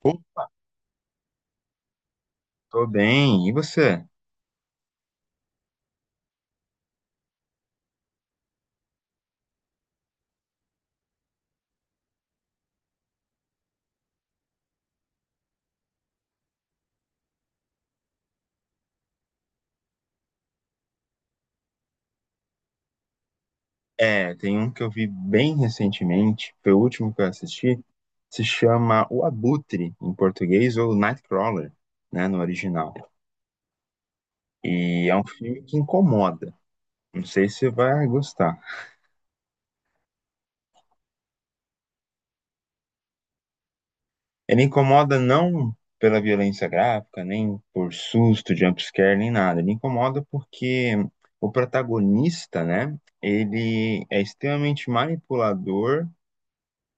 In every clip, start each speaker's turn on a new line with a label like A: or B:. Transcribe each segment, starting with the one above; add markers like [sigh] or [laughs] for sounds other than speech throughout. A: Pô, tô bem, e você? É, tem um que eu vi bem recentemente, foi o último que eu assisti, se chama O Abutre, em português, ou Nightcrawler, né, no original. E é um filme que incomoda, não sei se você vai gostar. Ele incomoda não pela violência gráfica, nem por susto, jumpscare, nem nada. Ele incomoda porque o protagonista, né, ele é extremamente manipulador,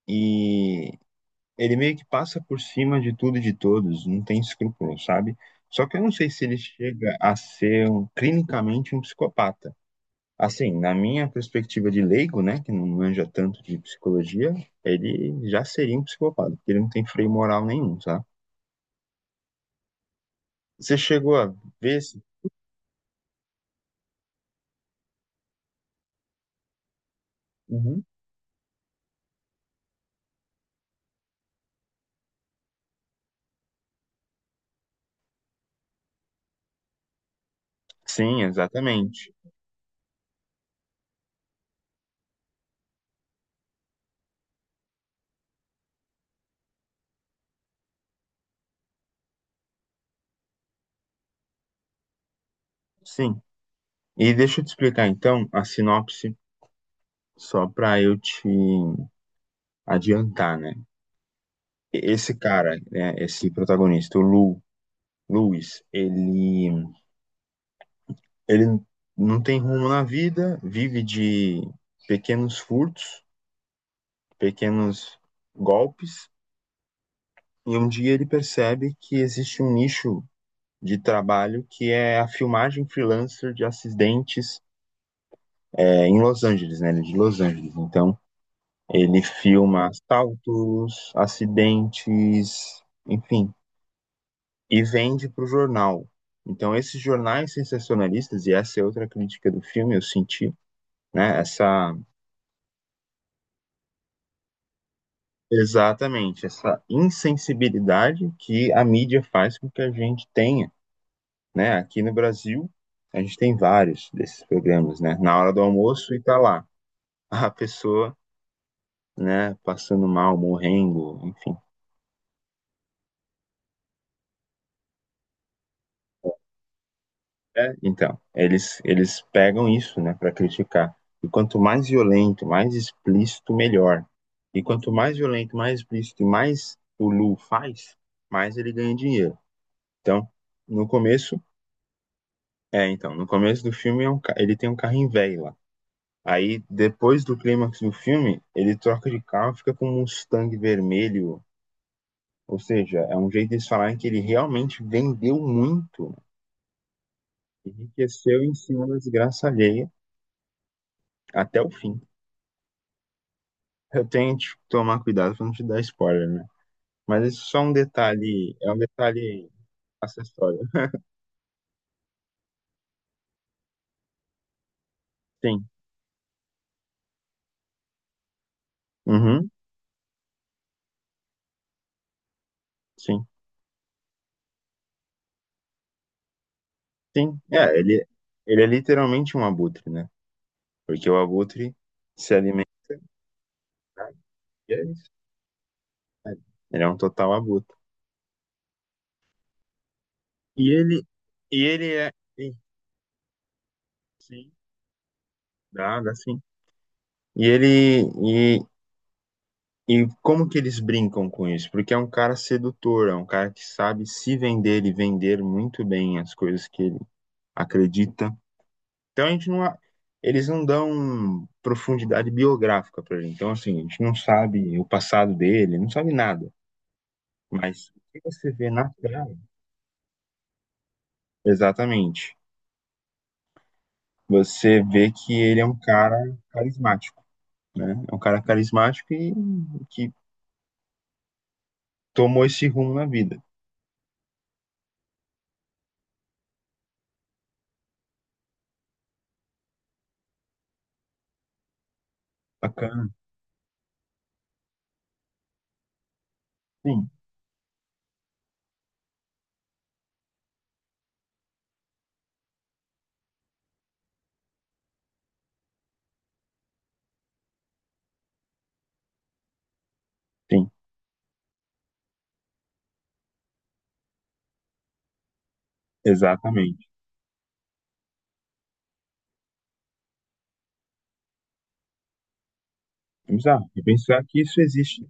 A: e ele meio que passa por cima de tudo e de todos, não tem escrúpulo, sabe? Só que eu não sei se ele chega a ser clinicamente um psicopata. Assim, na minha perspectiva de leigo, né, que não manja tanto de psicologia, ele já seria um psicopata, porque ele não tem freio moral nenhum, sabe? Você chegou a ver esse? Uhum. Sim, exatamente. Sim. E deixa eu te explicar então a sinopse, só para eu te adiantar, né? Esse cara, né, esse protagonista, o Luiz, ele não tem rumo na vida, vive de pequenos furtos, pequenos golpes, e um dia ele percebe que existe um nicho de trabalho que é a filmagem freelancer de acidentes em Los Angeles, né? Ele é de Los Angeles. Então, ele filma assaltos, acidentes, enfim, e vende para o jornal. Então, esses jornais sensacionalistas, e essa é outra crítica do filme, eu senti, né? Exatamente, essa insensibilidade que a mídia faz com que a gente tenha, né? Aqui no Brasil, a gente tem vários desses programas, né? Na hora do almoço e tá lá a pessoa, né? Passando mal, morrendo, enfim. É, então, eles pegam isso, né? Para criticar. E quanto mais violento, mais explícito, melhor. E quanto mais violento, mais explícito e mais o Lu faz, mais ele ganha dinheiro. Então, no começo então, no começo do filme ele tem um carrinho velho lá. Aí, depois do clímax do filme, ele troca de carro e fica com um Mustang vermelho. Ou seja, é um jeito deles falarem que ele realmente vendeu muito, né? Enriqueceu em cima da desgraça alheia até o fim. Eu tenho que tomar cuidado pra não te dar spoiler, né? Mas isso é só, é um detalhe acessório. Sim. Uhum. Sim, sim. Ele é literalmente um abutre, né? Porque o abutre se alimenta, né? E é isso. É, Ele é um total abutre. E ele, e ele é. Sim, sim, dá sim. E ele. E, e como que eles brincam com isso? Porque é um cara sedutor, é um cara que sabe se vender e vender muito bem as coisas que ele acredita. Então a gente não. Eles não dão profundidade biográfica pra gente. Então, assim, a gente não sabe o passado dele, não sabe nada. Mas o que você vê na tela, exatamente, você vê que ele é um cara carismático. Né? É um cara carismático e que tomou esse rumo na vida. Bacana, sim, sim, exatamente. Vamos lá, e pensar que isso existe.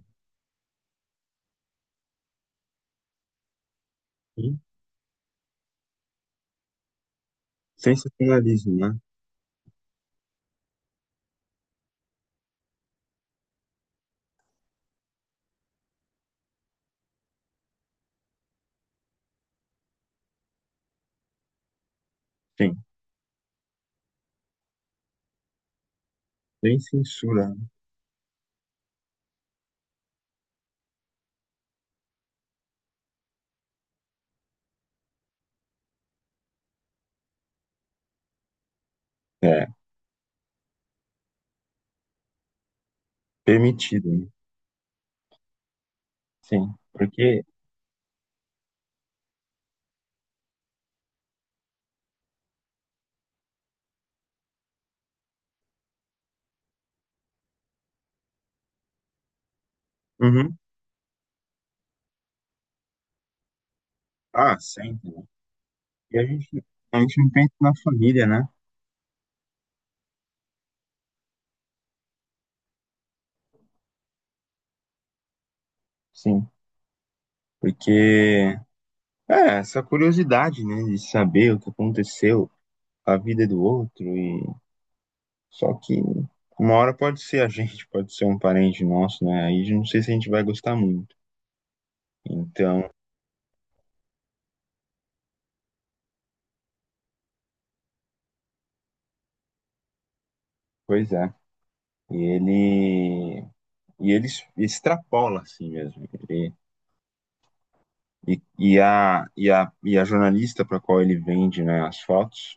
A: Sim. Sensacionalismo, né? Sim, sem censura, né? É, permitido, né? Sim, porque, uhum. Ah, sempre, né? E a gente não pensa na família, né? Sim, porque é essa curiosidade, né, de saber o que aconteceu, a vida do outro. E só que uma hora pode ser a gente, [laughs] pode ser um parente nosso, né? Aí eu não sei se a gente vai gostar muito. Então, pois é. E ele e ele extrapola assim mesmo. E a jornalista para qual ele vende, né, as fotos,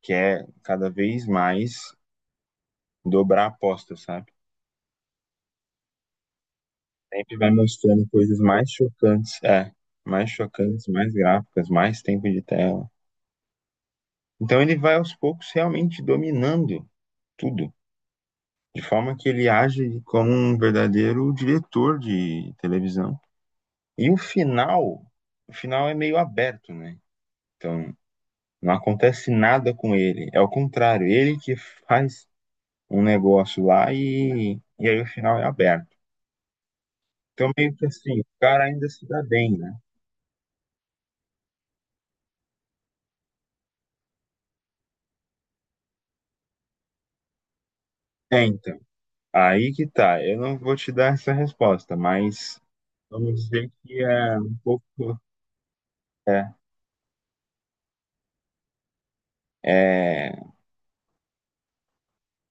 A: quer cada vez mais dobrar a aposta, sabe? Sempre vai mostrando coisas mais chocantes, mais chocantes, mais gráficas, mais tempo de tela. Então ele vai aos poucos realmente dominando tudo, de forma que ele age como um verdadeiro diretor de televisão. E o final é meio aberto, né? Então, não acontece nada com ele. É o contrário, ele que faz um negócio lá, e aí o final é aberto. Então, meio que assim, o cara ainda se dá bem, né? É, então, aí que tá. Eu não vou te dar essa resposta, mas vamos dizer que é um pouco. É, é,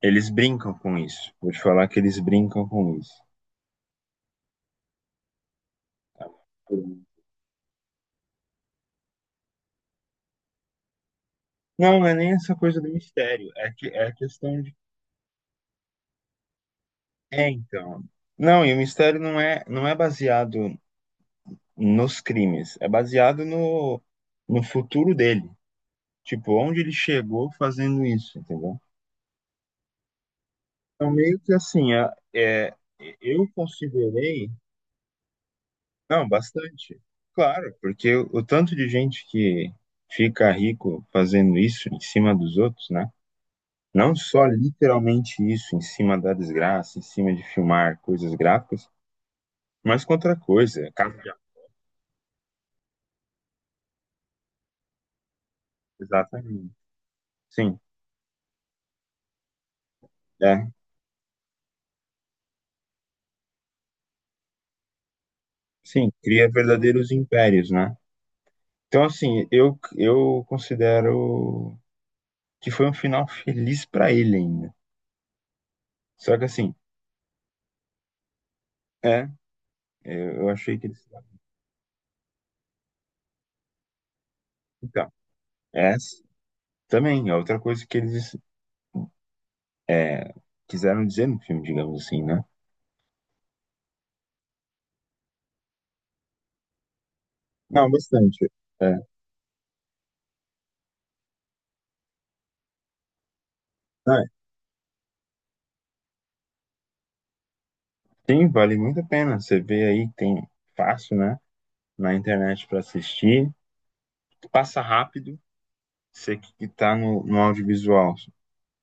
A: eles brincam com isso. Vou te falar que eles brincam com isso. Não, não é nem essa coisa do mistério, é que é a questão de é então. Não, e o mistério não é baseado nos crimes, é baseado no futuro dele, tipo, onde ele chegou fazendo isso, entendeu? Então meio que assim, eu considerei, não, bastante. Claro, porque o tanto de gente que fica rico fazendo isso em cima dos outros, né? Não só literalmente isso, em cima da desgraça, em cima de filmar coisas gráficas, mas com outra coisa, casa de... Exatamente. Sim, é. Sim, cria verdadeiros impérios, né? Então, assim, eu considero que foi um final feliz pra ele ainda. Só que, assim, é, eu achei que eles. Então, essa também é outra coisa que eles quiseram dizer no filme, digamos assim, né? Não, bastante. É. Ah, sim, vale muito a pena. Você vê aí, tem fácil, né? Na internet pra assistir. Passa rápido, você que tá no audiovisual.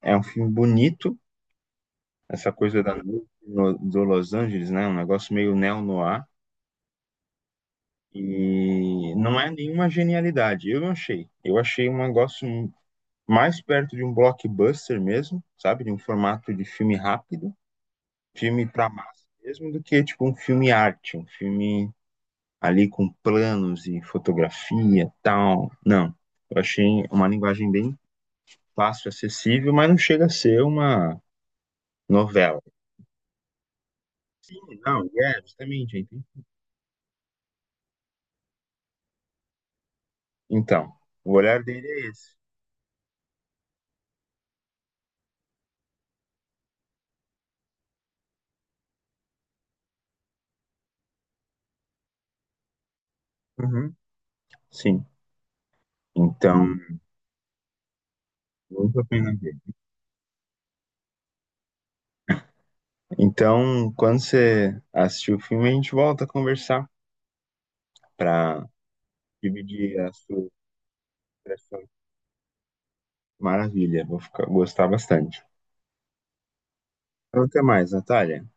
A: É um filme bonito, essa coisa da noite do Los Angeles, né? Um negócio meio neo-noir. E não é nenhuma genialidade, eu não achei. Eu achei um negócio mais perto de um blockbuster mesmo, sabe? De um formato de filme rápido, filme pra massa mesmo, do que tipo um filme arte, um filme ali com planos e fotografia, tal. Não, eu achei uma linguagem bem fácil, acessível, mas não chega a ser uma novela. Não, justamente. Então, o olhar dele é esse. Uhum. Sim. Então, muito a pena ver. Então, quando você assistir o filme, a gente volta a conversar para dividir a sua impressão. Maravilha, vou ficar, gostar bastante. Então, até mais, Natália.